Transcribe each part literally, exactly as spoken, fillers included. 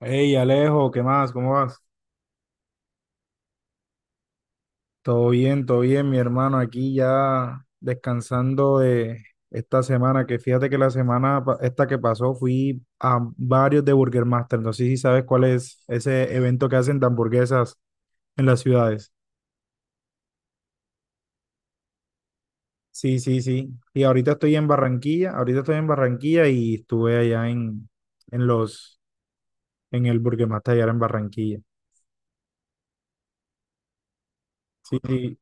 Hey Alejo, ¿qué más? ¿Cómo vas? Todo bien, todo bien, mi hermano. Aquí ya descansando de esta semana, que fíjate que la semana pa- esta que pasó fui a varios de Burger Master. No sé si sabes cuál es ese evento que hacen de hamburguesas en las ciudades. Sí, sí, sí. Y ahorita estoy en Barranquilla, ahorita estoy en Barranquilla y estuve allá en, en los, en el Burger Master allá en Barranquilla. Sí, sí.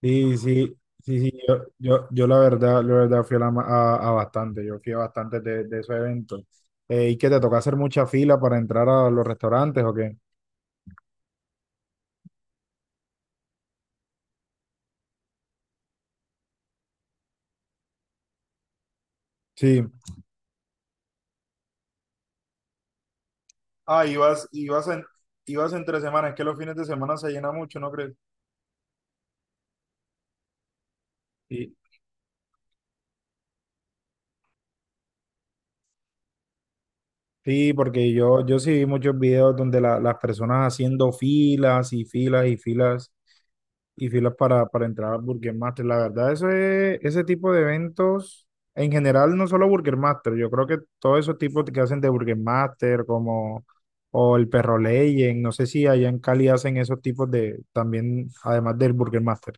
Sí, sí, sí, sí, yo, yo, yo la verdad, la verdad fui a, la ma- a- a bastante, yo fui a bastantes de, de esos eventos. Eh, ¿y qué te toca hacer mucha fila para entrar a los restaurantes o qué? Sí. Ah, ibas, ibas en, ibas entre semanas, es que los fines de semana se llena mucho, ¿no crees? Sí, sí, porque yo, yo sí vi muchos videos donde la- las personas haciendo filas y filas y filas y filas para, para entrar a Burger Master. La verdad, eso es- ese tipo de eventos, en general, no solo Burger Master, yo creo que todos esos tipos que hacen de Burger Master, como o el Perro Legend, no sé si allá en Cali hacen esos tipos de, también, además del Burger Master.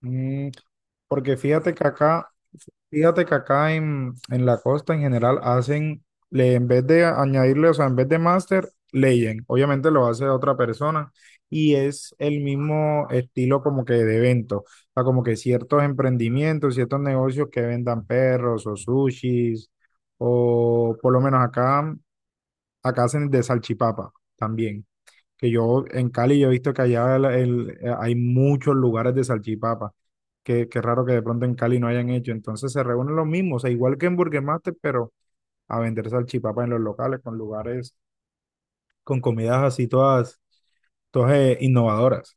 Mm, porque fíjate que acá, fíjate que acá en, en la costa en general hacen, le, en vez de añadirle, o sea, en vez de master, leyen. Obviamente lo hace otra persona y es el mismo estilo como que de evento. O sea, como que ciertos emprendimientos, ciertos negocios que vendan perros o sushis o por lo menos acá, acá hacen de salchipapa también, que yo en Cali yo he visto que allá el- el- eh, hay muchos lugares de salchipapa, que, que raro que de pronto en Cali no hayan hecho, entonces se reúnen los mismos, o sea, igual que en Burger Master, pero a vender salchipapa en los locales, con lugares, con comidas así todas, todas eh, innovadoras.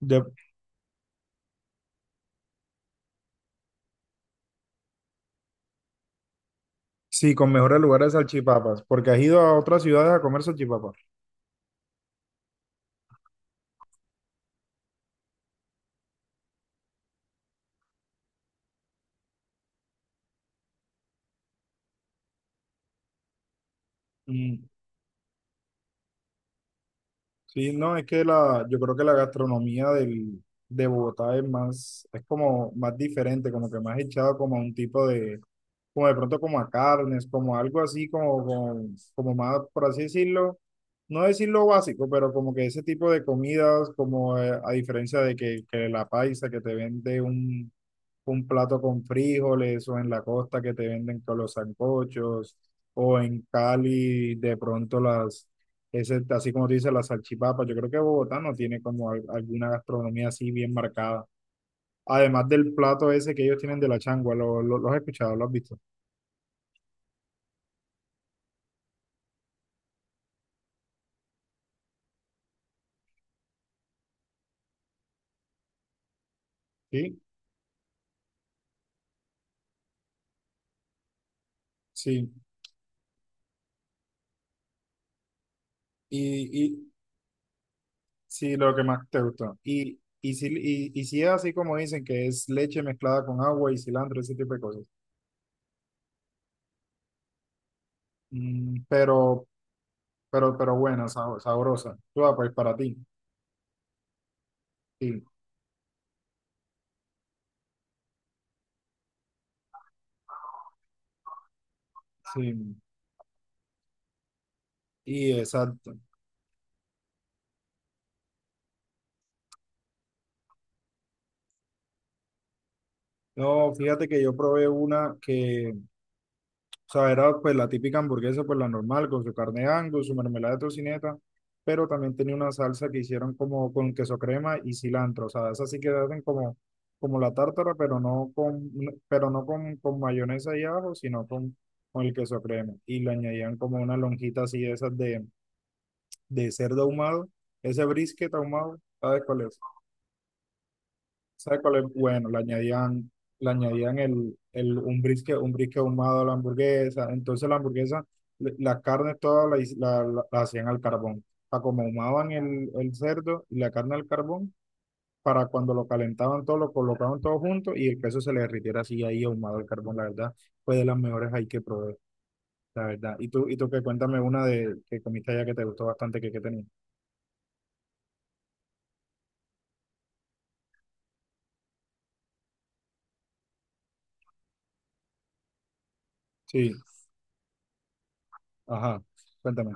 De- sí, con mejores lugares de salchipapas, porque has ido a otras ciudades a comer salchipapas. Mm, Sí, no, es que la, yo creo que la gastronomía del, de Bogotá es más, es como más diferente, como que más echado como a un tipo de, como de pronto como a carnes, como algo así, como, con- como más, por así decirlo, no decirlo básico, pero como que ese tipo de comidas, como eh, a diferencia de que, que la paisa que te vende un, un plato con frijoles, o en la costa que te venden con los sancochos, o en Cali de pronto las, ese, así como dice las salchipapas, yo creo que Bogotá no tiene como al- alguna gastronomía así bien marcada. Además del plato ese que ellos tienen de la changua, ¿lo, lo, lo has escuchado? ¿Lo has visto? ¿Sí? Sí. Y, y sí, lo que más te gustó. Y, y, si, y, y si es así como dicen, que es leche mezclada con agua y cilantro, ese tipo de cosas. Mm, pero, pero, pero buena, sab- sabrosa. Tú, ah, pues para ti. Sí, sí. Y exacto. No, fíjate que yo probé una que, o sea, era pues la típica hamburguesa, pues la normal, con su carne de Angus, su mermelada de tocineta, pero también tenía una salsa que hicieron como con queso crema y cilantro. O sea, esa sí que hacen como, como la tártara, pero no con, no, pero no con, con mayonesa y ajo, sino con, con el queso crema. Y le añadían como una lonjita así de esas de, de cerdo ahumado, ese brisket ahumado, ¿sabes cuál es? ¿Sabe cuál es bueno? Le añadían, le añadían el, el, un brisket, un brisket ahumado a la hamburguesa. Entonces la hamburguesa, le- la carne toda la, his- la- la- la hacían al carbón. O sea, como ahumaban el, el cerdo y la carne al carbón, para cuando lo calentaban todo, lo colocaban todo junto y el queso se le derritiera así ahí ahumado al carbón. La verdad, fue de las mejores ahí que probé, la verdad. Y tú, y tú, que cuéntame una de que comiste allá que te gustó bastante, que, que tenía. Sí, ajá, cuéntame.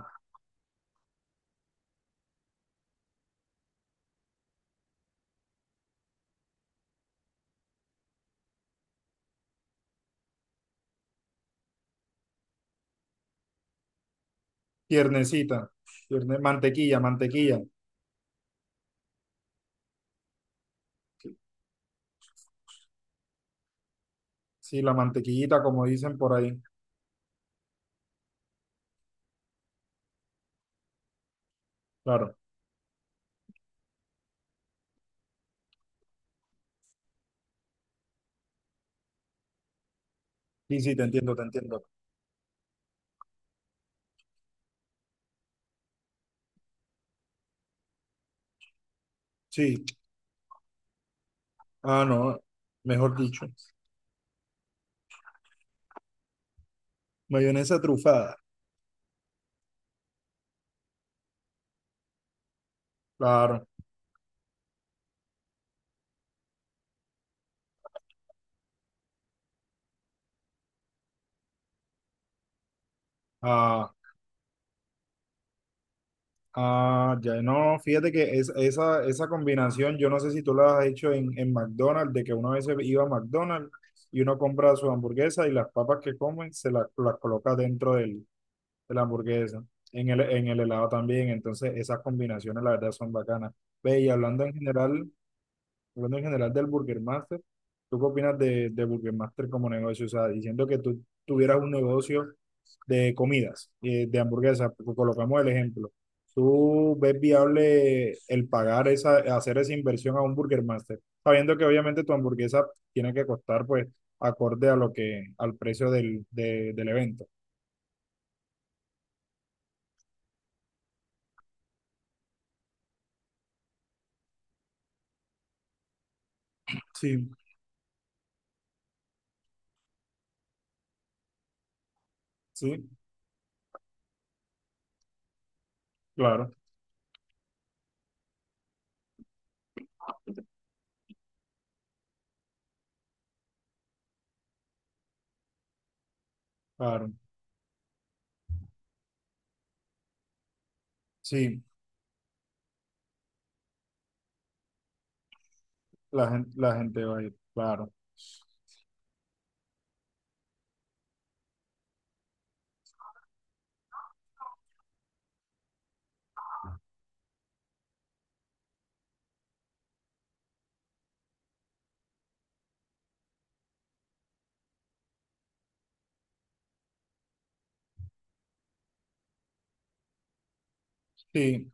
Piernecita, pierne- mantequilla, mantequilla. Sí, la mantequillita, como dicen por ahí. Claro. Sí, sí, te entiendo, te entiendo. Sí. Ah, no. Mejor dicho. Mayonesa trufada. Claro. Ah, ah, ya. No, fíjate que es, esa, esa combinación, yo no sé si tú la has hecho en, en McDonald's, de que una vez iba a McDonald's y uno compra su hamburguesa y las papas que comen se las, las coloca dentro del, de la hamburguesa. En el, en el helado también. Entonces, esas combinaciones, la verdad, son bacanas. Ve, y hablando en general, hablando en general del Burger Master, ¿tú qué opinas de, de Burger Master como negocio? O sea, diciendo que tú tuvieras un negocio de comidas, eh, de hamburguesas, co- colocamos el ejemplo. ¿Tú ves viable el pagar esa, hacer esa inversión a un Burger Master? Sabiendo que obviamente tu hamburguesa tiene que costar pues acorde a lo que, al precio del, de- del evento. Sí, sí, claro, claro. Sí, la gente, la gente va a ir, claro. Sí,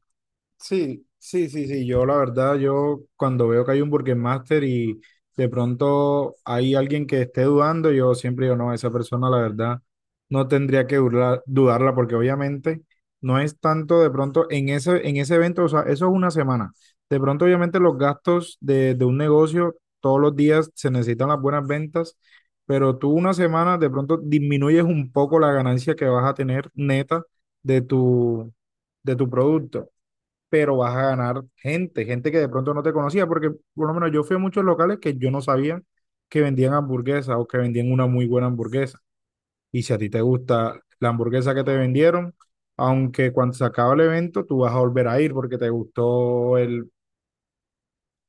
sí, sí, sí, sí. Yo la verdad, yo cuando veo que hay un Burger Master y de pronto hay alguien que esté dudando, yo siempre digo, no, esa persona la verdad no tendría que durla- dudarla porque obviamente no es tanto de pronto en ese, en ese evento, o sea, eso es una semana. De pronto obviamente los gastos de, de un negocio, todos los días se necesitan las buenas ventas, pero tú una semana de pronto disminuyes un poco la ganancia que vas a tener neta de tu, de tu producto, pero vas a ganar gente, gente que de pronto no te conocía, porque por lo menos yo fui a muchos locales que yo no sabía que vendían hamburguesas o que vendían una muy buena hamburguesa. Y si a ti te gusta la hamburguesa que te vendieron, aunque cuando se acaba el evento, tú vas a volver a ir porque te gustó el,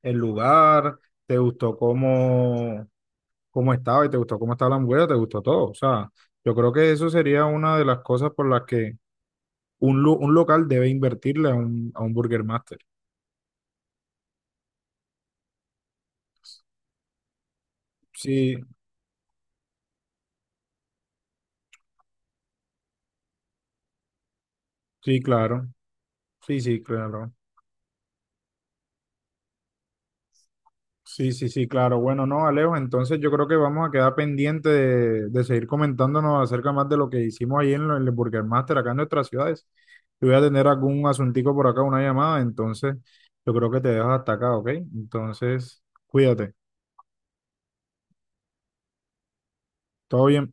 el lugar, te gustó cómo, cómo estaba y te gustó cómo estaba la hamburguesa, te gustó todo. O sea, yo creo que eso sería una de las cosas por las que un, lu- un local debe invertirle a un, a un Burger Master. Sí, sí, claro. Sí, sí, claro. Sí, sí, sí, claro. Bueno, no, Alejo, entonces yo creo que vamos a quedar pendiente de, de seguir comentándonos acerca más de lo que hicimos ahí en, lo- en el Burger Master acá en nuestras ciudades. Yo voy a tener algún asuntico por acá, una llamada, entonces yo creo que te dejo hasta acá, ¿ok? Entonces, cuídate. Todo bien.